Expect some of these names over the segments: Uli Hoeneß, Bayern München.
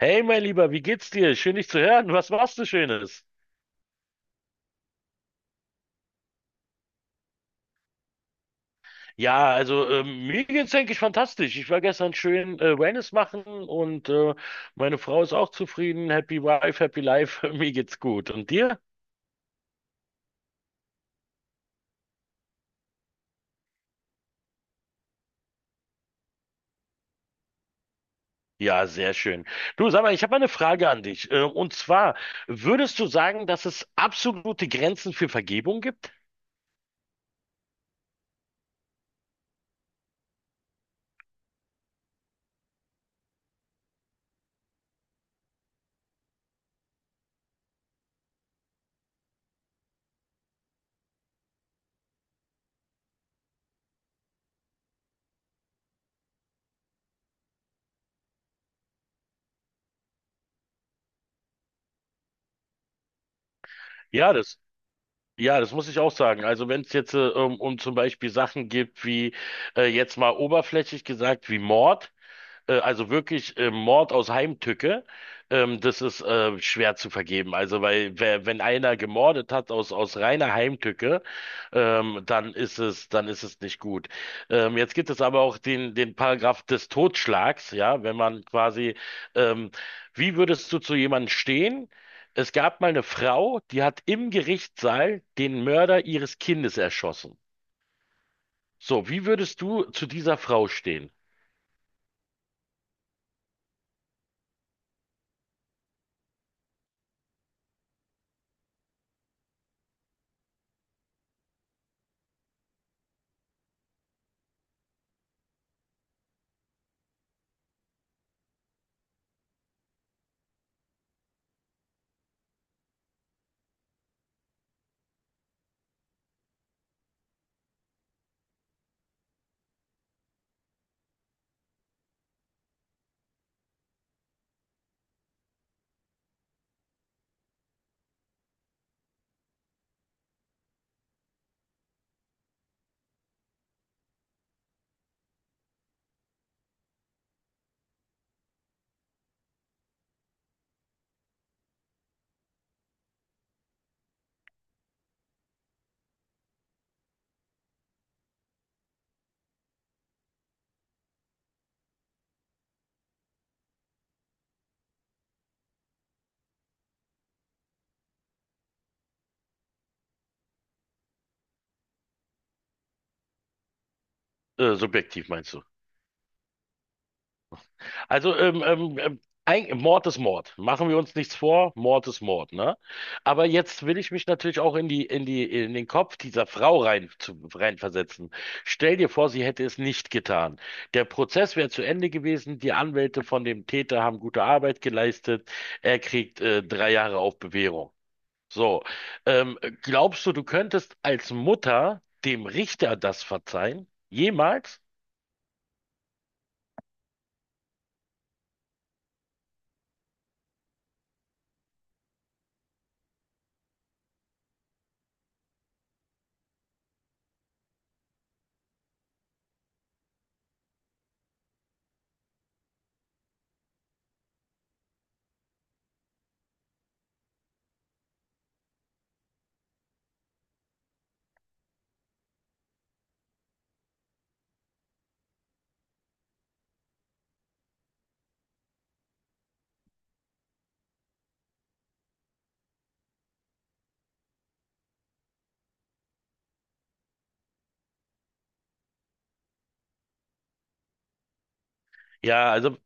Hey, mein Lieber, wie geht's dir? Schön, dich zu hören. Was machst du Schönes? Ja, also mir geht's, denke ich, fantastisch. Ich war gestern schön Wellness machen und meine Frau ist auch zufrieden. Happy Wife, Happy Life. Mir geht's gut. Und dir? Ja, sehr schön. Du, sag mal, ich habe mal eine Frage an dich. Und zwar, würdest du sagen, dass es absolute Grenzen für Vergebung gibt? Ja, das. Ja, das muss ich auch sagen. Also wenn es jetzt um zum Beispiel Sachen gibt wie jetzt mal oberflächlich gesagt wie Mord, also wirklich Mord aus Heimtücke, das ist schwer zu vergeben. Also weil wer, wenn einer gemordet hat aus reiner Heimtücke, dann ist es nicht gut. Jetzt gibt es aber auch den Paragraph des Totschlags, ja, wenn man quasi ähm, wie würdest du zu jemandem stehen? Es gab mal eine Frau, die hat im Gerichtssaal den Mörder ihres Kindes erschossen. So, wie würdest du zu dieser Frau stehen? Subjektiv meinst du? Also Mord ist Mord. Machen wir uns nichts vor, Mord ist Mord, ne? Aber jetzt will ich mich natürlich auch in den Kopf dieser Frau reinversetzen. Stell dir vor, sie hätte es nicht getan. Der Prozess wäre zu Ende gewesen, die Anwälte von dem Täter haben gute Arbeit geleistet, er kriegt 3 Jahre auf Bewährung. So, glaubst du, du könntest als Mutter dem Richter das verzeihen? Jemals? Ja, also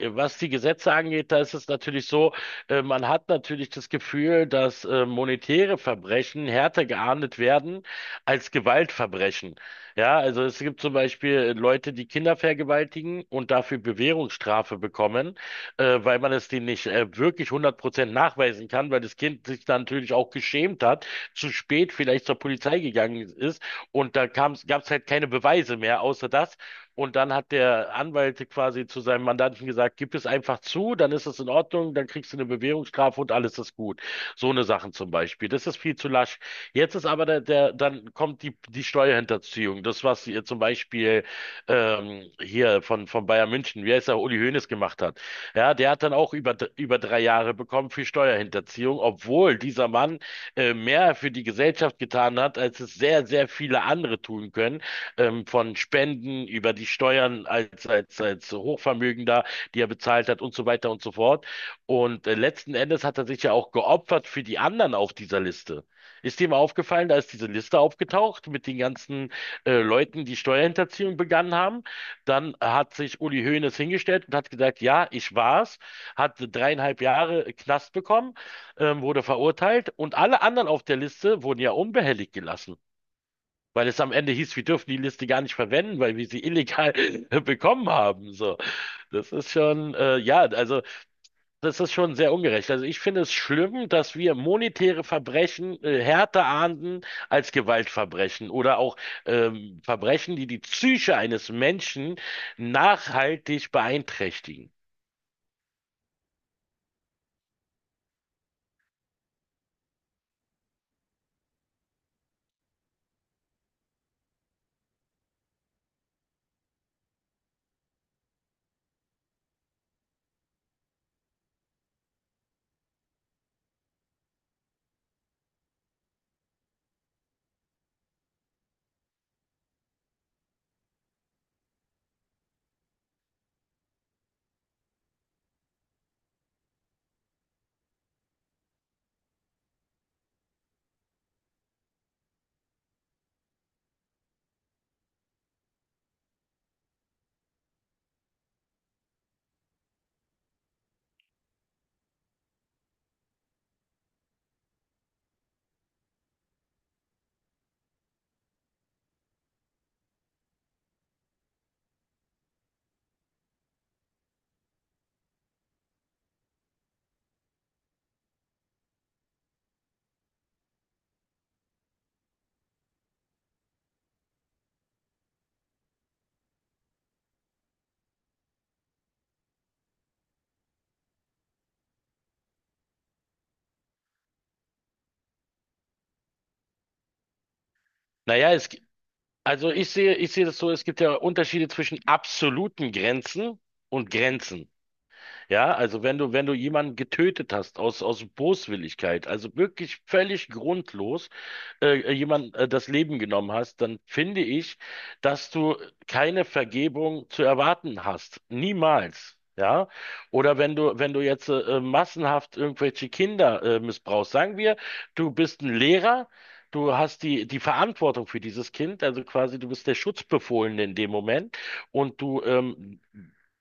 was die Gesetze angeht, da ist es natürlich so, man hat natürlich das Gefühl, dass monetäre Verbrechen härter geahndet werden als Gewaltverbrechen. Ja, also es gibt zum Beispiel Leute, die Kinder vergewaltigen und dafür Bewährungsstrafe bekommen, weil man es denen nicht wirklich 100% nachweisen kann, weil das Kind sich dann natürlich auch geschämt hat, zu spät vielleicht zur Polizei gegangen ist und da gab es halt keine Beweise mehr, außer das. Und dann hat der Anwalt quasi zu seinem Mandanten gesagt, gib es einfach zu, dann ist es in Ordnung, dann kriegst du eine Bewährungsstrafe und alles ist gut. So eine Sachen zum Beispiel. Das ist viel zu lasch. Jetzt ist aber der, der dann kommt die Steuerhinterziehung. Das, was ihr zum Beispiel hier von Bayern München, wie heißt er, Uli Hoeneß gemacht hat. Ja, der hat dann auch über 3 Jahre bekommen für Steuerhinterziehung, obwohl dieser Mann mehr für die Gesellschaft getan hat, als es sehr, sehr viele andere tun können von Spenden über die Steuern als Hochvermögender, die er bezahlt hat und so weiter und so fort. Und letzten Endes hat er sich ja auch geopfert für die anderen auf dieser Liste. Ist dir mal aufgefallen, da ist diese Liste aufgetaucht mit den ganzen Leuten, die Steuerhinterziehung begangen haben. Dann hat sich Uli Hoeneß hingestellt und hat gesagt, ja, ich war's, hat 3,5 Jahre Knast bekommen, wurde verurteilt und alle anderen auf der Liste wurden ja unbehelligt gelassen. Weil es am Ende hieß, wir dürfen die Liste gar nicht verwenden, weil wir sie illegal bekommen haben. So, das ist schon, ja, also das ist schon sehr ungerecht. Also ich finde es schlimm, dass wir monetäre Verbrechen härter ahnden als Gewaltverbrechen oder auch Verbrechen, die die Psyche eines Menschen nachhaltig beeinträchtigen. Naja, also ich sehe das so, es gibt ja Unterschiede zwischen absoluten Grenzen und Grenzen. Ja, also wenn du jemanden getötet hast aus Boswilligkeit, also wirklich völlig grundlos, jemand das Leben genommen hast, dann finde ich, dass du keine Vergebung zu erwarten hast. Niemals. Ja, oder wenn du jetzt massenhaft irgendwelche Kinder missbrauchst, sagen wir, du bist ein Lehrer, du hast die Verantwortung für dieses Kind, also quasi du bist der Schutzbefohlene in dem Moment und du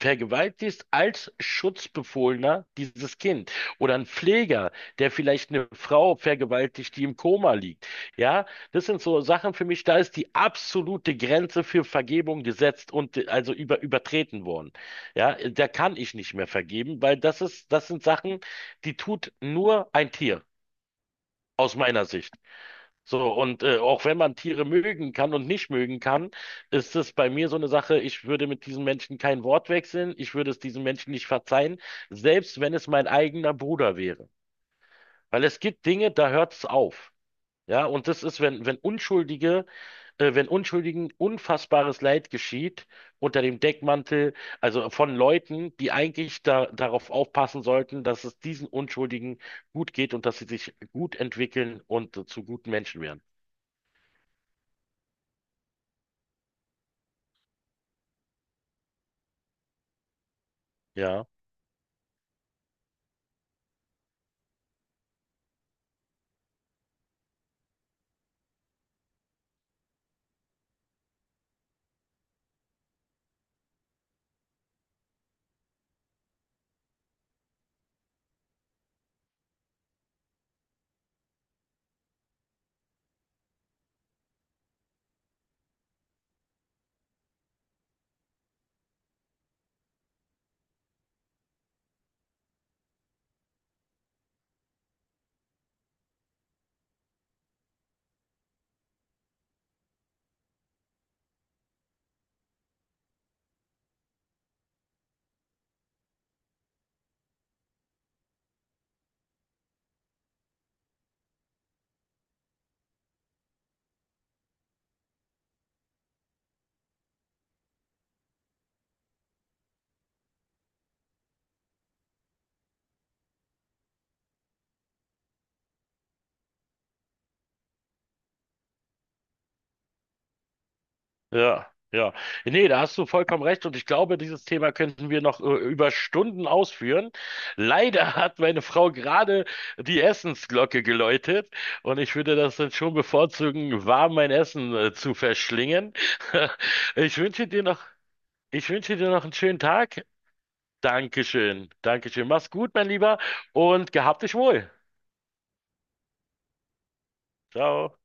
vergewaltigst als Schutzbefohlener dieses Kind oder ein Pfleger, der vielleicht eine Frau vergewaltigt, die im Koma liegt. Ja, das sind so Sachen für mich, da ist die absolute Grenze für Vergebung gesetzt und also übertreten worden. Ja, da kann ich nicht mehr vergeben, weil das ist, das sind Sachen, die tut nur ein Tier, aus meiner Sicht. So, und auch wenn man Tiere mögen kann und nicht mögen kann, ist es bei mir so eine Sache, ich würde mit diesem Menschen kein Wort wechseln, ich würde es diesem Menschen nicht verzeihen, selbst wenn es mein eigener Bruder wäre. Weil es gibt Dinge, da hört es auf. Ja, und das ist, wenn Unschuldigen unfassbares Leid geschieht unter dem Deckmantel, also von Leuten, die eigentlich da, darauf aufpassen sollten, dass es diesen Unschuldigen gut geht und dass sie sich gut entwickeln und zu guten Menschen werden. Ja. Ja, ja. Nee, da hast du vollkommen recht und ich glaube, dieses Thema könnten wir noch über Stunden ausführen. Leider hat meine Frau gerade die Essensglocke geläutet und ich würde das dann schon bevorzugen, warm mein Essen zu verschlingen. Ich wünsche dir noch, Ich wünsche dir noch einen schönen Tag. Dankeschön, Dankeschön. Mach's gut, mein Lieber, und gehabt dich wohl. Ciao.